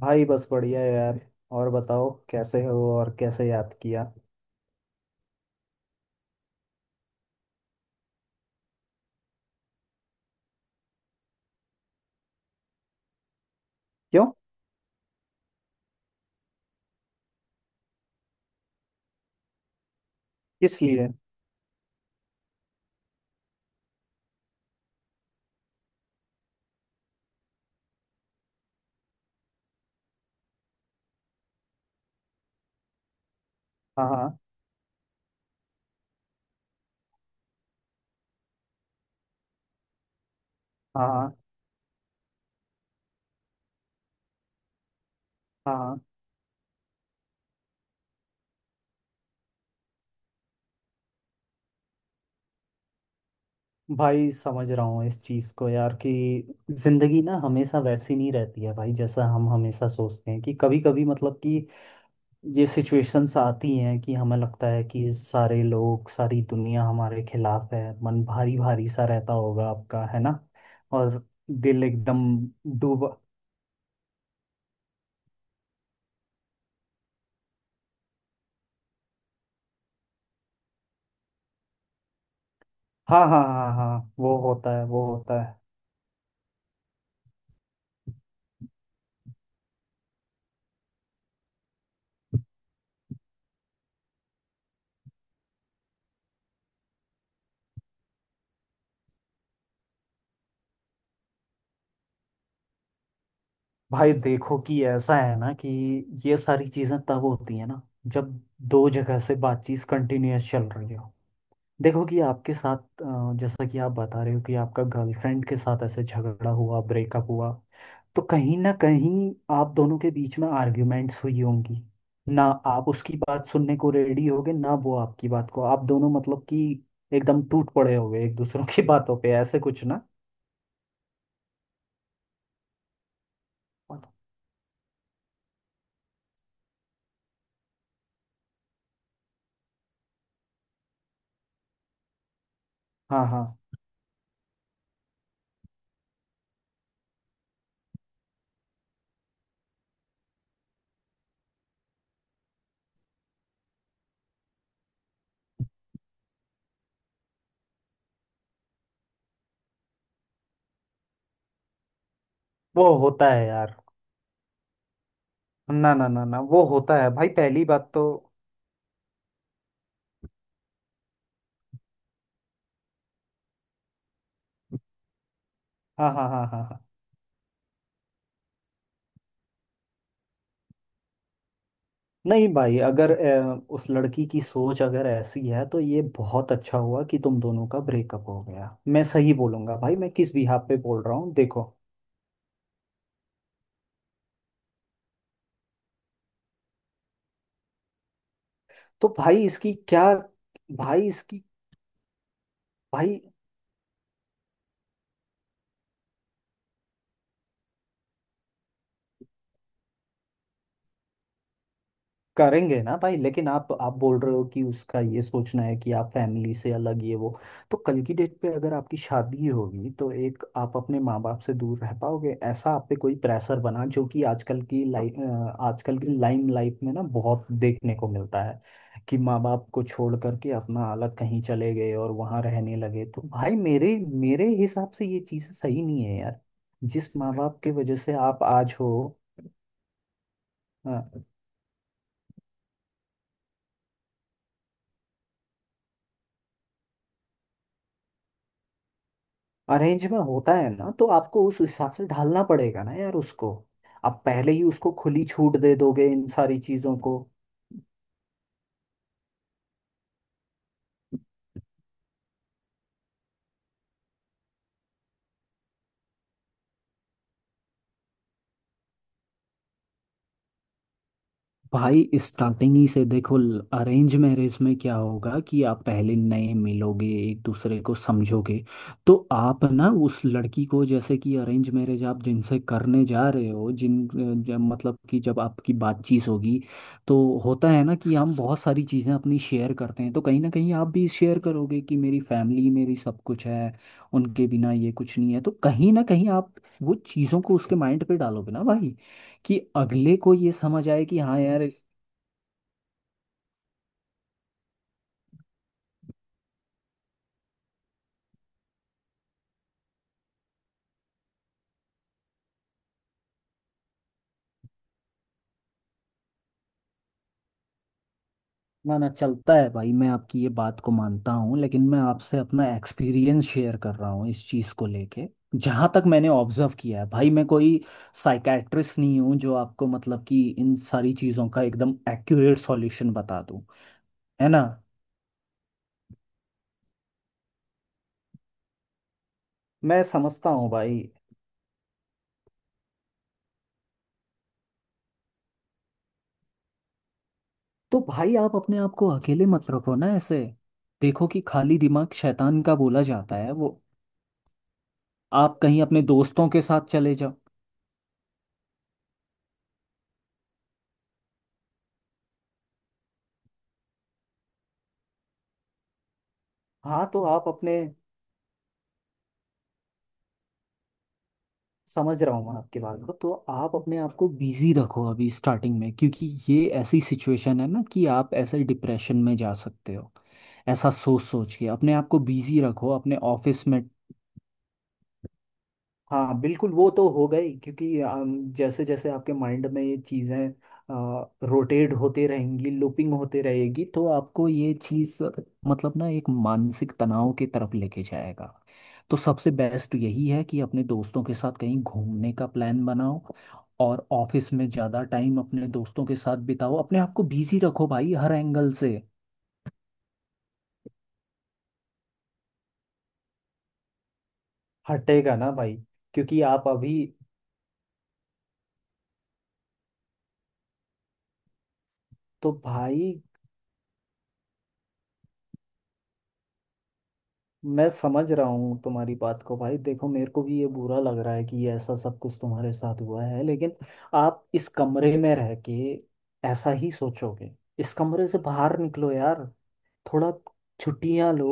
भाई बस बढ़िया है यार। और बताओ कैसे हो और कैसे याद किया। क्यों? किस लिए? हाँ हाँ। हाँ हाँ हाँ। भाई समझ रहा हूँ इस चीज़ को यार कि जिंदगी ना हमेशा वैसी नहीं रहती है भाई, जैसा हम हमेशा सोचते हैं कि कभी कभी मतलब कि ये सिचुएशंस आती हैं कि हमें लगता है कि सारे लोग, सारी दुनिया हमारे खिलाफ है। मन भारी भारी सा रहता होगा आपका, है ना? और दिल एकदम डूबा। हाँ हाँ हाँ हाँ, वो होता है वो होता है। भाई देखो कि ऐसा है ना कि ये सारी चीजें तब होती है ना, जब दो जगह से बातचीत कंटिन्यूअस चल रही हो। देखो कि आपके साथ जैसा कि आप बता रहे हो कि आपका गर्लफ्रेंड के साथ ऐसे झगड़ा हुआ, ब्रेकअप हुआ। तो कहीं ना कहीं आप दोनों के बीच में आर्ग्यूमेंट्स हुई होंगी। ना आप उसकी बात सुनने को रेडी होगे, ना वो आपकी बात को। आप दोनों मतलब कि एकदम टूट पड़े होगे एक दूसरों की बातों पे, ऐसे कुछ ना। हाँ हाँ, वो होता है यार। ना ना ना ना, वो होता है भाई, पहली बात तो। हाँ हाँ हाँ हाँ हाँ। नहीं भाई, अगर उस लड़की की सोच अगर ऐसी है, तो ये बहुत अच्छा हुआ कि तुम दोनों का ब्रेकअप हो गया। मैं सही बोलूंगा भाई, मैं किस बिहाफ पे बोल रहा हूँ देखो। तो भाई इसकी क्या। भाई इसकी। भाई करेंगे ना भाई, लेकिन आप बोल रहे हो कि उसका ये सोचना है कि आप फैमिली से अलग, ये वो। तो कल की डेट पे अगर आपकी शादी होगी, तो एक आप अपने माँ बाप से दूर रह पाओगे, ऐसा आप पे कोई प्रेशर बना, जो कि आजकल की लाइन लाइफ में ना बहुत देखने को मिलता है कि माँ बाप को छोड़ करके अपना अलग कहीं चले गए और वहां रहने लगे। तो भाई मेरे मेरे हिसाब से ये चीजें सही नहीं है यार। जिस माँ बाप की वजह से आप आज हो। अरेंज में होता है ना, तो आपको उस हिसाब से ढालना पड़ेगा ना यार उसको। आप पहले ही उसको खुली छूट दे दोगे इन सारी चीजों को। भाई स्टार्टिंग ही से देखो, अरेंज मैरिज में क्या होगा कि आप पहले नए मिलोगे, एक दूसरे को समझोगे। तो आप ना उस लड़की को, जैसे कि अरेंज मैरिज आप जिनसे करने जा रहे हो जिन मतलब कि जब आपकी बातचीत होगी, तो होता है ना कि हम बहुत सारी चीज़ें अपनी शेयर करते हैं, तो कहीं ना कहीं आप भी शेयर करोगे कि मेरी फैमिली मेरी सब कुछ है, उनके बिना ये कुछ नहीं है। तो कहीं ना कहीं आप वो चीज़ों को उसके माइंड पे डालोगे ना भाई, कि अगले को ये समझ आए कि हाँ यार। ना ना, चलता है भाई, मैं आपकी ये बात को मानता हूँ, लेकिन मैं आपसे अपना एक्सपीरियंस शेयर कर रहा हूँ इस चीज़ को लेके। जहाँ तक मैंने ऑब्जर्व किया है भाई, मैं कोई साइकेट्रिस्ट नहीं हूँ जो आपको मतलब कि इन सारी चीज़ों का एकदम एक्यूरेट सॉल्यूशन बता दूँ, है ना। मैं समझता हूँ भाई। तो भाई आप अपने आप को अकेले मत रखो ना ऐसे। देखो कि खाली दिमाग शैतान का बोला जाता है, वो। आप कहीं अपने दोस्तों के साथ चले जाओ। हाँ, तो आप अपने, समझ रहा हूँ मैं आपकी बात को, तो आप अपने आप को बिजी रखो अभी स्टार्टिंग में, क्योंकि ये ऐसी सिचुएशन है ना कि आप ऐसे डिप्रेशन में जा सकते हो। ऐसा सोच सोच के अपने आप को बिजी रखो अपने ऑफिस में। हाँ बिल्कुल, वो तो हो गई, क्योंकि जैसे जैसे आपके माइंड में ये चीज़ें रोटेट होते रहेंगी, लूपिंग होते रहेगी, तो आपको ये चीज़ मतलब ना एक मानसिक तनाव की तरफ लेके जाएगा। तो सबसे बेस्ट यही है कि अपने दोस्तों के साथ कहीं घूमने का प्लान बनाओ और ऑफिस में ज़्यादा टाइम अपने दोस्तों के साथ बिताओ, अपने आप को बिजी रखो भाई हर एंगल से। हटेगा ना भाई, क्योंकि आप अभी। तो भाई मैं समझ रहा हूँ तुम्हारी बात को भाई, देखो मेरे को भी ये बुरा लग रहा है कि ये ऐसा सब कुछ तुम्हारे साथ हुआ है, लेकिन आप इस कमरे में रह के ऐसा ही सोचोगे। इस कमरे से बाहर निकलो यार, थोड़ा छुट्टियां लो।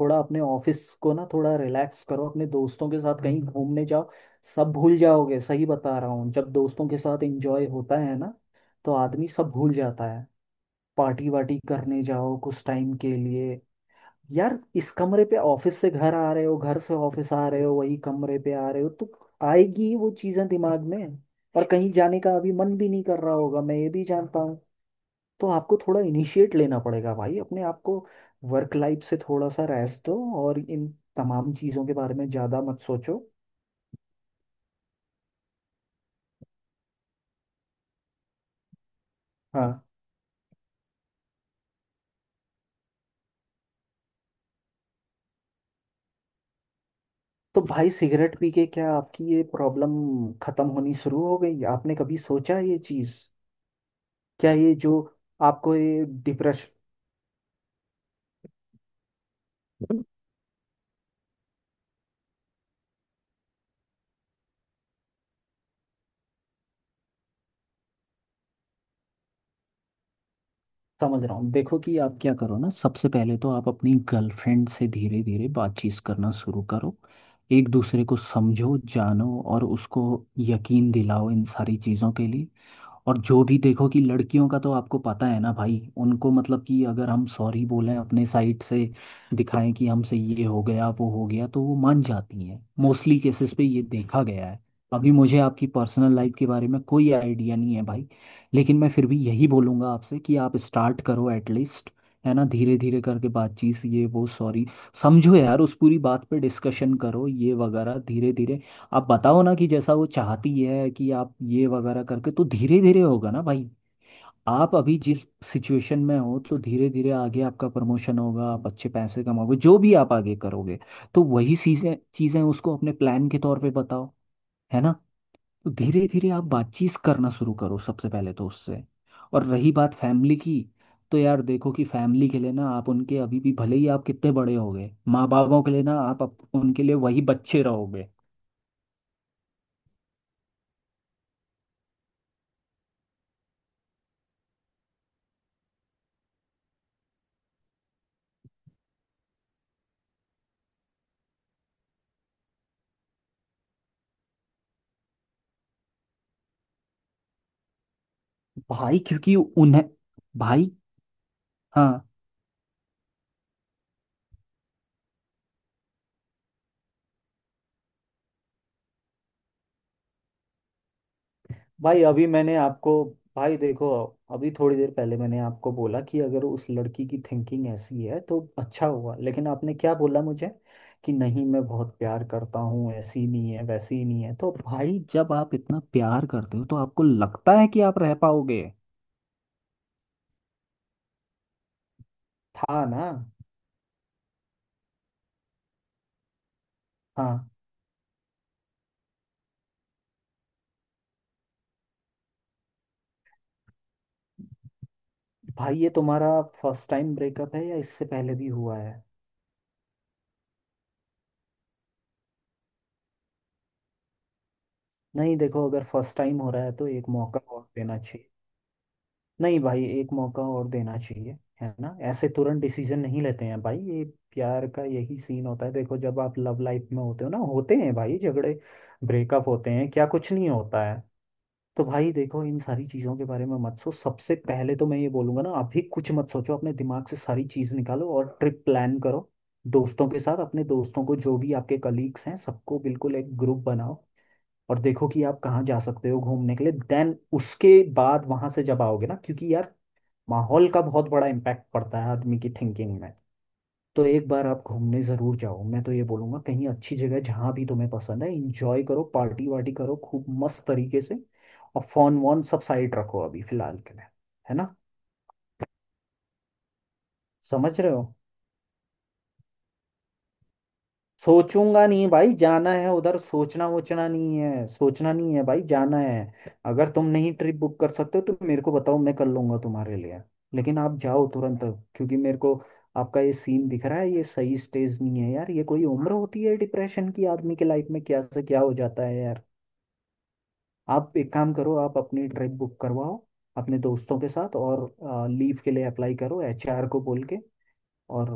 थोड़ा अपने ऑफिस को ना थोड़ा रिलैक्स करो, अपने दोस्तों के साथ कहीं घूमने जाओ। सब भूल जाओगे, सही बता रहा हूँ। जब दोस्तों के साथ एंजॉय होता है ना, तो आदमी सब भूल जाता है। पार्टी वार्टी करने जाओ कुछ टाइम के लिए यार। इस कमरे पे, ऑफिस से घर आ रहे हो, घर से ऑफिस आ रहे हो, वही कमरे पे आ रहे हो, तो आएगी ही वो चीजें दिमाग में। और कहीं जाने का अभी मन भी नहीं कर रहा होगा, मैं ये भी जानता हूँ। तो आपको थोड़ा इनिशिएट लेना पड़ेगा भाई अपने आप को, वर्क लाइफ से थोड़ा सा रेस्ट दो और इन तमाम चीजों के बारे में ज्यादा मत सोचो। हाँ। तो भाई सिगरेट पी के क्या आपकी ये प्रॉब्लम खत्म होनी शुरू हो गई? आपने कभी सोचा ये चीज? क्या ये जो आपको ये डिप्रेशन। समझ रहा हूँ, देखो कि आप क्या करो ना, सबसे पहले तो आप अपनी गर्लफ्रेंड से धीरे धीरे बातचीत करना शुरू करो। एक दूसरे को समझो, जानो और उसको यकीन दिलाओ इन सारी चीज़ों के लिए। और जो भी देखो कि लड़कियों का तो आपको पता है ना भाई, उनको मतलब कि अगर हम सॉरी बोलें अपने साइड से, दिखाएं कि हमसे ये हो गया वो हो गया, तो वो मान जाती हैं। मोस्टली केसेस पे ये देखा गया है। अभी मुझे आपकी पर्सनल लाइफ के बारे में कोई आइडिया नहीं है भाई, लेकिन मैं फिर भी यही बोलूँगा आपसे कि आप स्टार्ट करो एटलीस्ट, है ना, धीरे धीरे करके बातचीत ये वो सॉरी। समझो यार, उस पूरी बात पे डिस्कशन करो ये वगैरह धीरे धीरे। आप बताओ ना कि जैसा वो चाहती है कि आप ये वगैरह करके, तो धीरे धीरे होगा ना भाई। आप अभी जिस सिचुएशन में हो, तो धीरे धीरे आगे आपका प्रमोशन होगा, आप अच्छे पैसे कमाओगे, जो भी आप आगे करोगे, तो वही चीजें चीजें उसको अपने प्लान के तौर पे बताओ, है ना। तो धीरे धीरे आप बातचीत करना शुरू करो सबसे पहले तो उससे। और रही बात फैमिली की, तो यार देखो कि फैमिली के लिए ना आप उनके, अभी भी भले ही आप कितने बड़े हो गए, माँ बापों के लिए ना आप उनके लिए वही बच्चे रहोगे। भाई क्योंकि उन्हें। भाई। हाँ। भाई अभी मैंने आपको। भाई देखो, अभी थोड़ी देर पहले मैंने आपको बोला कि अगर उस लड़की की थिंकिंग ऐसी है तो अच्छा हुआ, लेकिन आपने क्या बोला मुझे? कि नहीं, मैं बहुत प्यार करता हूँ, ऐसी नहीं है, वैसी ही नहीं है, तो भाई जब आप इतना प्यार करते हो, तो आपको लगता है कि आप रह पाओगे? था ना। हाँ। भाई ये तुम्हारा फर्स्ट टाइम ब्रेकअप है या इससे पहले भी हुआ है? नहीं देखो, अगर फर्स्ट टाइम हो रहा है तो एक मौका और देना चाहिए। नहीं भाई, एक मौका और देना चाहिए। है ना, ऐसे तुरंत डिसीजन नहीं लेते हैं भाई ये। प्यार का यही सीन होता है, देखो जब आप लव लाइफ में होते हो ना, होते हैं भाई झगड़े, ब्रेकअप होते हैं, क्या कुछ नहीं होता है। तो भाई देखो, इन सारी चीज़ों के बारे में मत सोच, सबसे पहले तो मैं ये बोलूंगा ना, अभी कुछ मत सोचो, अपने दिमाग से सारी चीज़ निकालो और ट्रिप प्लान करो दोस्तों के साथ। अपने दोस्तों को, जो भी आपके कलीग्स हैं सबको, बिल्कुल एक ग्रुप बनाओ और देखो कि आप कहाँ जा सकते हो घूमने के लिए। देन उसके बाद वहां से जब आओगे ना, क्योंकि यार माहौल का बहुत बड़ा इम्पैक्ट पड़ता है आदमी की थिंकिंग में। तो एक बार आप घूमने ज़रूर जाओ, मैं तो ये बोलूँगा कहीं अच्छी जगह जहाँ भी तुम्हें पसंद है। इंजॉय करो, पार्टी वार्टी करो खूब मस्त तरीके से। और फोन वोन सब साइड रखो अभी फिलहाल के लिए, है ना। समझ रहे हो। सोचूंगा नहीं भाई, जाना है उधर, सोचना वोचना नहीं है, सोचना नहीं है भाई, जाना है। अगर तुम नहीं ट्रिप बुक कर सकते हो तो मेरे को बताओ, मैं कर लूंगा तुम्हारे लिए, लेकिन आप जाओ तुरंत। क्योंकि मेरे को आपका ये सीन दिख रहा है, ये सही स्टेज नहीं है यार। ये कोई उम्र होती है डिप्रेशन की? आदमी के लाइफ में क्या से क्या हो जाता है यार। आप एक काम करो, आप अपनी ट्रिप बुक करवाओ अपने दोस्तों के साथ और लीव के लिए अप्लाई करो एचआर को बोल के, और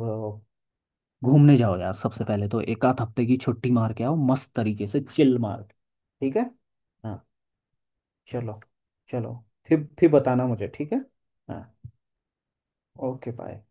घूमने जाओ यार। सबसे पहले तो एक आध हफ्ते की छुट्टी मार के आओ, मस्त तरीके से चिल मार के। ठीक है। हाँ। चलो। चलो फिर बताना मुझे, ठीक है। हाँ। Okay bye.